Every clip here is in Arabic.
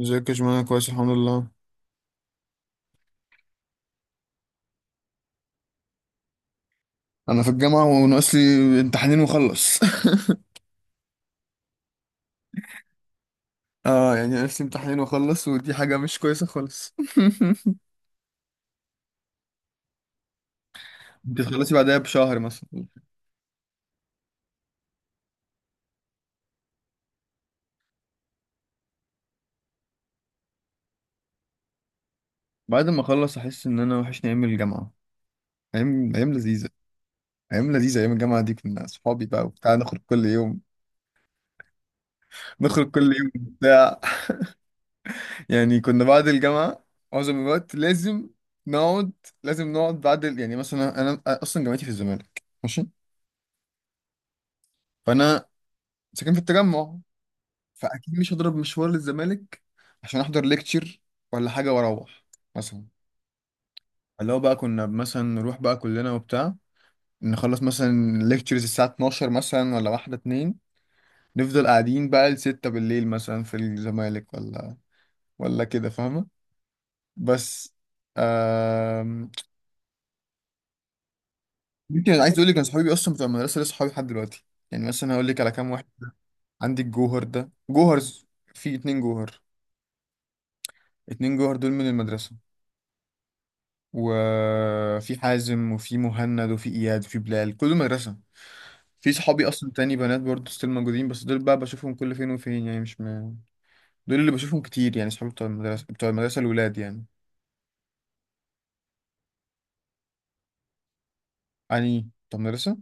ازيك يا جماعة، كويس الحمد لله. انا في الجامعة وناقص لي امتحانين واخلص. اه يعني ناقص لي امتحانين واخلص، ودي حاجة مش كويسة خالص. انت تخلصي بعدها بشهر مثلا. بعد ما اخلص احس ان انا وحشني ايام الجامعة، ايام لذيذة. ايام لذيذة، ايام الجامعة دي كنا صحابي بقى وبتاع، نخرج كل يوم بتاع. يعني كنا بعد الجامعة معظم الوقت لازم نقعد نقعد بعد يعني مثلا انا اصلا جامعتي في الزمالك ماشي، فانا ساكن في التجمع، فاكيد مش هضرب مشوار للزمالك عشان احضر ليكتشر ولا حاجه واروح مثلا. اللي هو بقى كنا مثلا نروح بقى كلنا وبتاع، نخلص مثلا ليكتشرز الساعه 12 مثلا ولا واحده اتنين، نفضل قاعدين بقى لستة بالليل مثلا في الزمالك ولا كده، فاهمه؟ بس آم... يمكن عايز اقول لك انا صحابي اصلا بتوع المدرسه لسه صحابي لحد دلوقتي. يعني مثلا هقول لك على كام واحد. عندي الجوهر ده جوهرز، في اتنين جوهر، دول من المدرسه، وفي حازم وفي مهند وفي اياد وفي بلال، كله مدرسه. في صحابي اصلا تاني بنات برضه ستيل موجودين، بس دول بقى بشوفهم كل فين وفين، يعني مش م... دول اللي بشوفهم كتير، يعني صحابي بتوع المدرسه، الولاد يعني. يعني بتوع المدرسه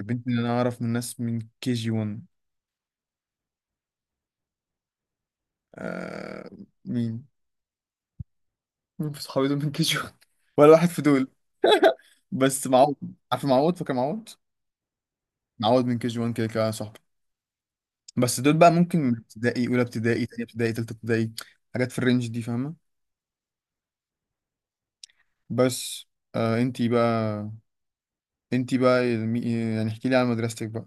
البنت اللي انا اعرف، من ناس من كي جي 1. آه... مين مين في صحابي دول من كي جي 1؟ ولا واحد في دول، بس معوض. عارف معوض؟ فاكر معوض؟ معوض من كي جي 1 كده كده صاحبي. بس دول بقى ممكن من ابتدائي، اولى ابتدائي، تانية ابتدائي، تالتة ابتدائي، حاجات في الرينج دي، فاهمه؟ بس آه، انتي بقى يعني احكي لي عن مدرستك بقى.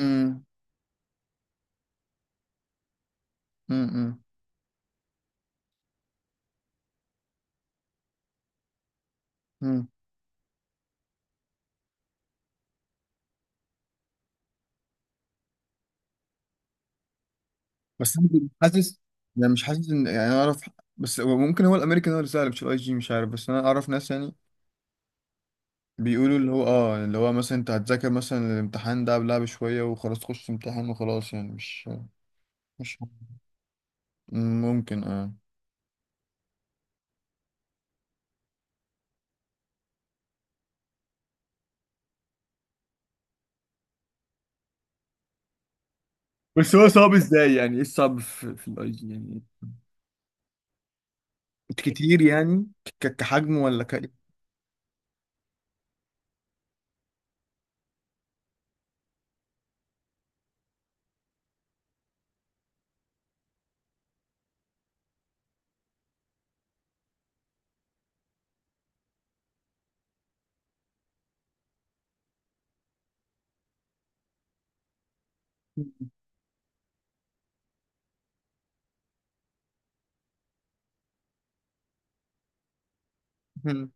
امم، امم امم بس أنا كنت حاسس، يعني مش حاسس ان يعني أنا اعرف، بس هو ممكن هو الامريكان هو اللي سهل، مش الاي جي، مش عارف، بس انا اعرف ناس يعني بيقولوا اللي هو اه، يعني اللي هو مثلا انت هتذاكر مثلا الامتحان ده قبلها بشويه وخلاص، تخش امتحان وخلاص، يعني مش ممكن اه. بس هو صعب ازاي؟ يعني ايه الصعب في الاي جي يعني؟ كتير يعني؟ كحجم ولا؟ ك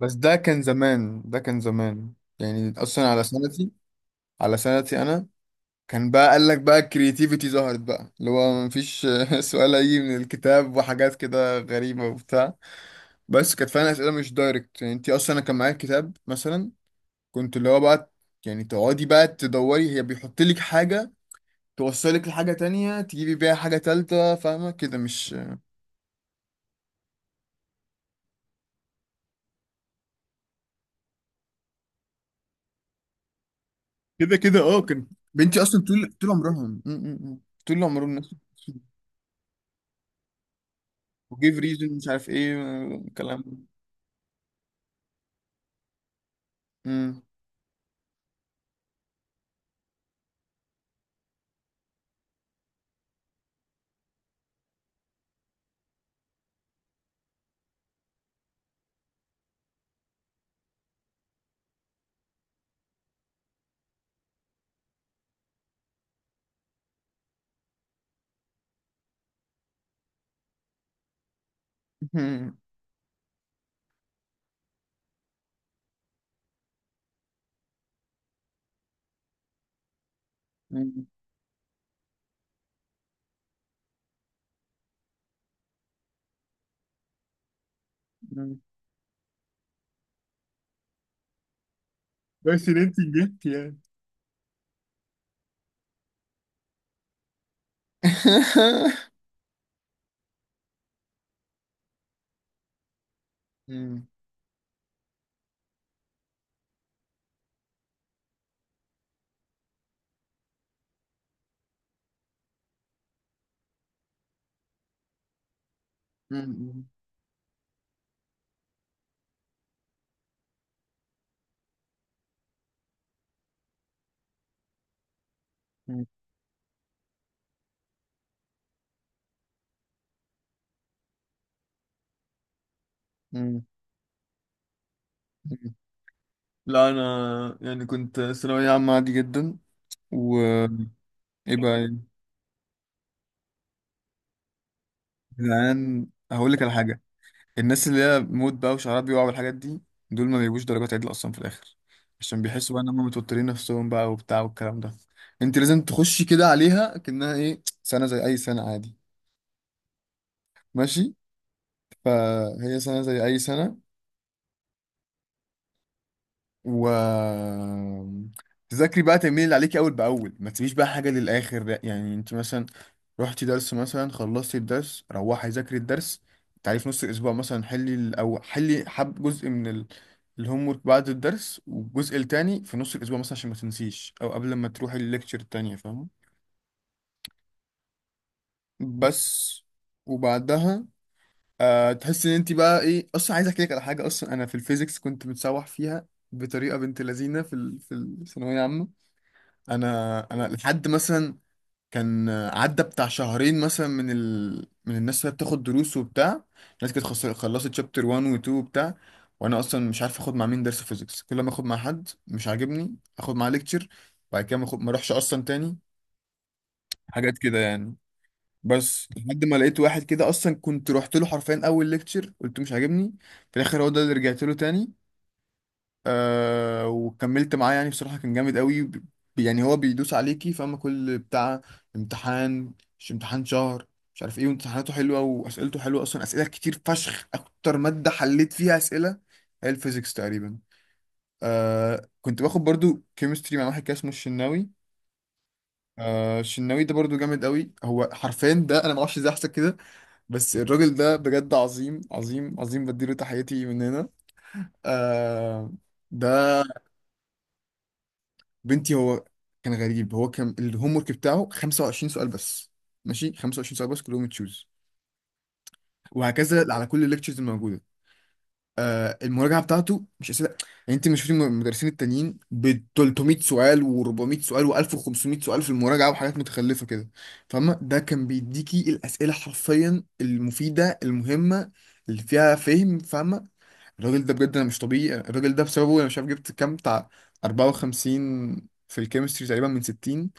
بس ده كان زمان. يعني اصلا على سنتي، انا كان بقى قال لك بقى الكرياتيفيتي ظهرت بقى، اللي هو مفيش سؤال هيجي من الكتاب، وحاجات كده غريبة وبتاع. بس كانت فعلا اسئلة مش دايركت. يعني انت اصلا، انا كان معايا كتاب مثلا، كنت اللي هو بقى يعني تقعدي بقى تدوري، هي بيحط لك حاجة، توصلك لحاجة تانية، تجيبي بيها حاجة تالتة، فاهمة كده؟ مش كده اه، كان بنتي اصلا طول عمرهم م- م- م. طول عمرهم نفس، وجيف ريزون مش عارف ايه الكلام ده. مم. مم. مم. مم. بس ان انت جبت يعني. مم. مم. مم. مم. مم. لا انا يعني كنت ثانوية عامة عادي جدا، و ايه بقى يا جدعان، هقول لك على حاجة. الناس اللي هي موت بقى وشعرها بيقع والحاجات دي، دول ما بيجيبوش درجات عدل اصلا في الاخر، عشان بيحسوا بقى ان هم متوترين نفسهم بقى وبتاع والكلام ده. انت لازم تخشي كده عليها كأنها ايه، سنة زي اي سنة عادي، ماشي؟ فهي سنة زي أي سنة. و تذاكري بقى، تعملي اللي عليكي أول بأول، ما تسيبيش بقى حاجة للآخر لأ. يعني أنت مثلا رحتي درس مثلا، خلصتي الدرس روحي ذاكري الدرس، تعالي في نص الأسبوع مثلا حلي أو حلي حب جزء من الهوم ورك بعد الدرس، والجزء التاني في نص الأسبوع مثلا عشان ما تنسيش، أو قبل ما تروحي الليكتشر التانية، فاهمة؟ بس وبعدها أه، تحس ان انت بقى ايه. اصلا عايز احكي لك على حاجه، اصلا انا في الفيزيكس كنت متسوح فيها بطريقه بنت لذينه في في الثانويه العامه. انا لحد مثلا كان عدى بتاع شهرين مثلا من من الناس اللي بتاخد دروس وبتاع، الناس كانت خلصت شابتر 1 و2 وبتاع، وانا اصلا مش عارف اخد مع مين درس فيزيكس، كل ما اخد مع حد مش عاجبني اخد معاه ليكتشر بعد كده ما اروحش اصلا تاني، حاجات كده يعني. بس لحد ما لقيت واحد كده، اصلا كنت رحت له حرفيا اول ليكتشر قلت مش عاجبني، في الاخر هو ده اللي رجعت له تاني. آه، وكملت معاه، يعني بصراحه كان جامد قوي. يعني هو بيدوس عليكي، فاهمه كل بتاع امتحان، مش امتحان شهر مش عارف ايه وامتحاناته حلوه واسئلته حلوه، اصلا اسئله كتير فشخ. اكتر ماده حليت فيها اسئله هي الفيزيكس تقريبا. آه، كنت باخد برضو كيمستري مع واحد كده اسمه الشناوي. آه، الشناوي ده برضو جامد قوي، هو حرفيا ده انا ما اعرفش ازاي احسب كده، بس الراجل ده بجد عظيم عظيم عظيم، بديله تحياتي من هنا. آه، ده بنتي هو كان غريب، هو كان الهوم ورك بتاعه 25 سؤال بس، ماشي؟ 25 سؤال بس كلهم تشوز، وهكذا على كل الليكتشرز الموجوده. آه، المراجعه بتاعته مش اسئله، يعني انت مش شفتي المدرسين التانيين ب 300 سؤال و400 سؤال و1500 سؤال في المراجعه وحاجات متخلفه كده، فاهمه؟ ده كان بيديكي الاسئله حرفيا المفيده المهمه، اللي فيها فهم، فاهمه؟ الراجل ده بجد، انا مش طبيعي، الراجل ده بسببه انا مش عارف جبت كام بتاع 54 في الكيمستري تقريبا، من 60.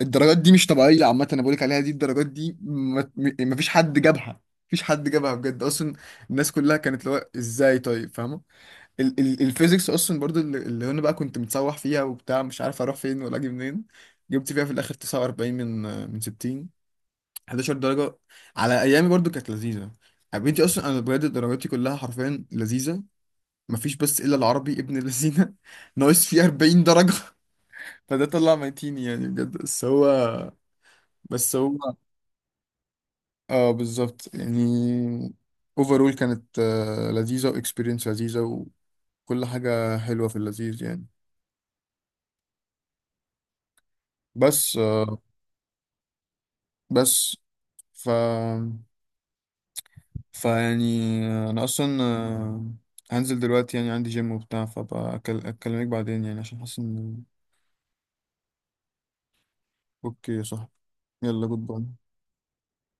الدرجات دي مش طبيعيه عامه، انا بقولك عليها، دي الدرجات دي ما فيش حد جابها، مفيش حد جابها بجد اصلا، الناس كلها كانت اللي هو ازاي؟ طيب، فاهمه؟ ال ال الفيزيكس اصلا برضو، اللي انا بقى كنت متسوح فيها وبتاع، مش عارف اروح فين ولا اجي منين، جبت فيها في الاخر 49 من 60، 11 درجه. على ايامي برضو كانت لذيذه. يا بنتي اصلا انا بجد درجاتي كلها حرفيا لذيذه، مفيش بس الا العربي ابن الذين ناقص فيه 40 درجة. فده طلع ميتيني يعني بجد. بس هو اه، بالظبط يعني. اوفرول كانت آه، لذيذة، واكسبيرينس لذيذة، وكل حاجة حلوة في اللذيذ يعني. بس آه، بس ف فيعني انا اصلا آه، هنزل دلوقتي، يعني عندي جيم وبتاع، فبقى اكلمك بعدين يعني، عشان حاسس ان... اوكي، صح، يلا جود باي.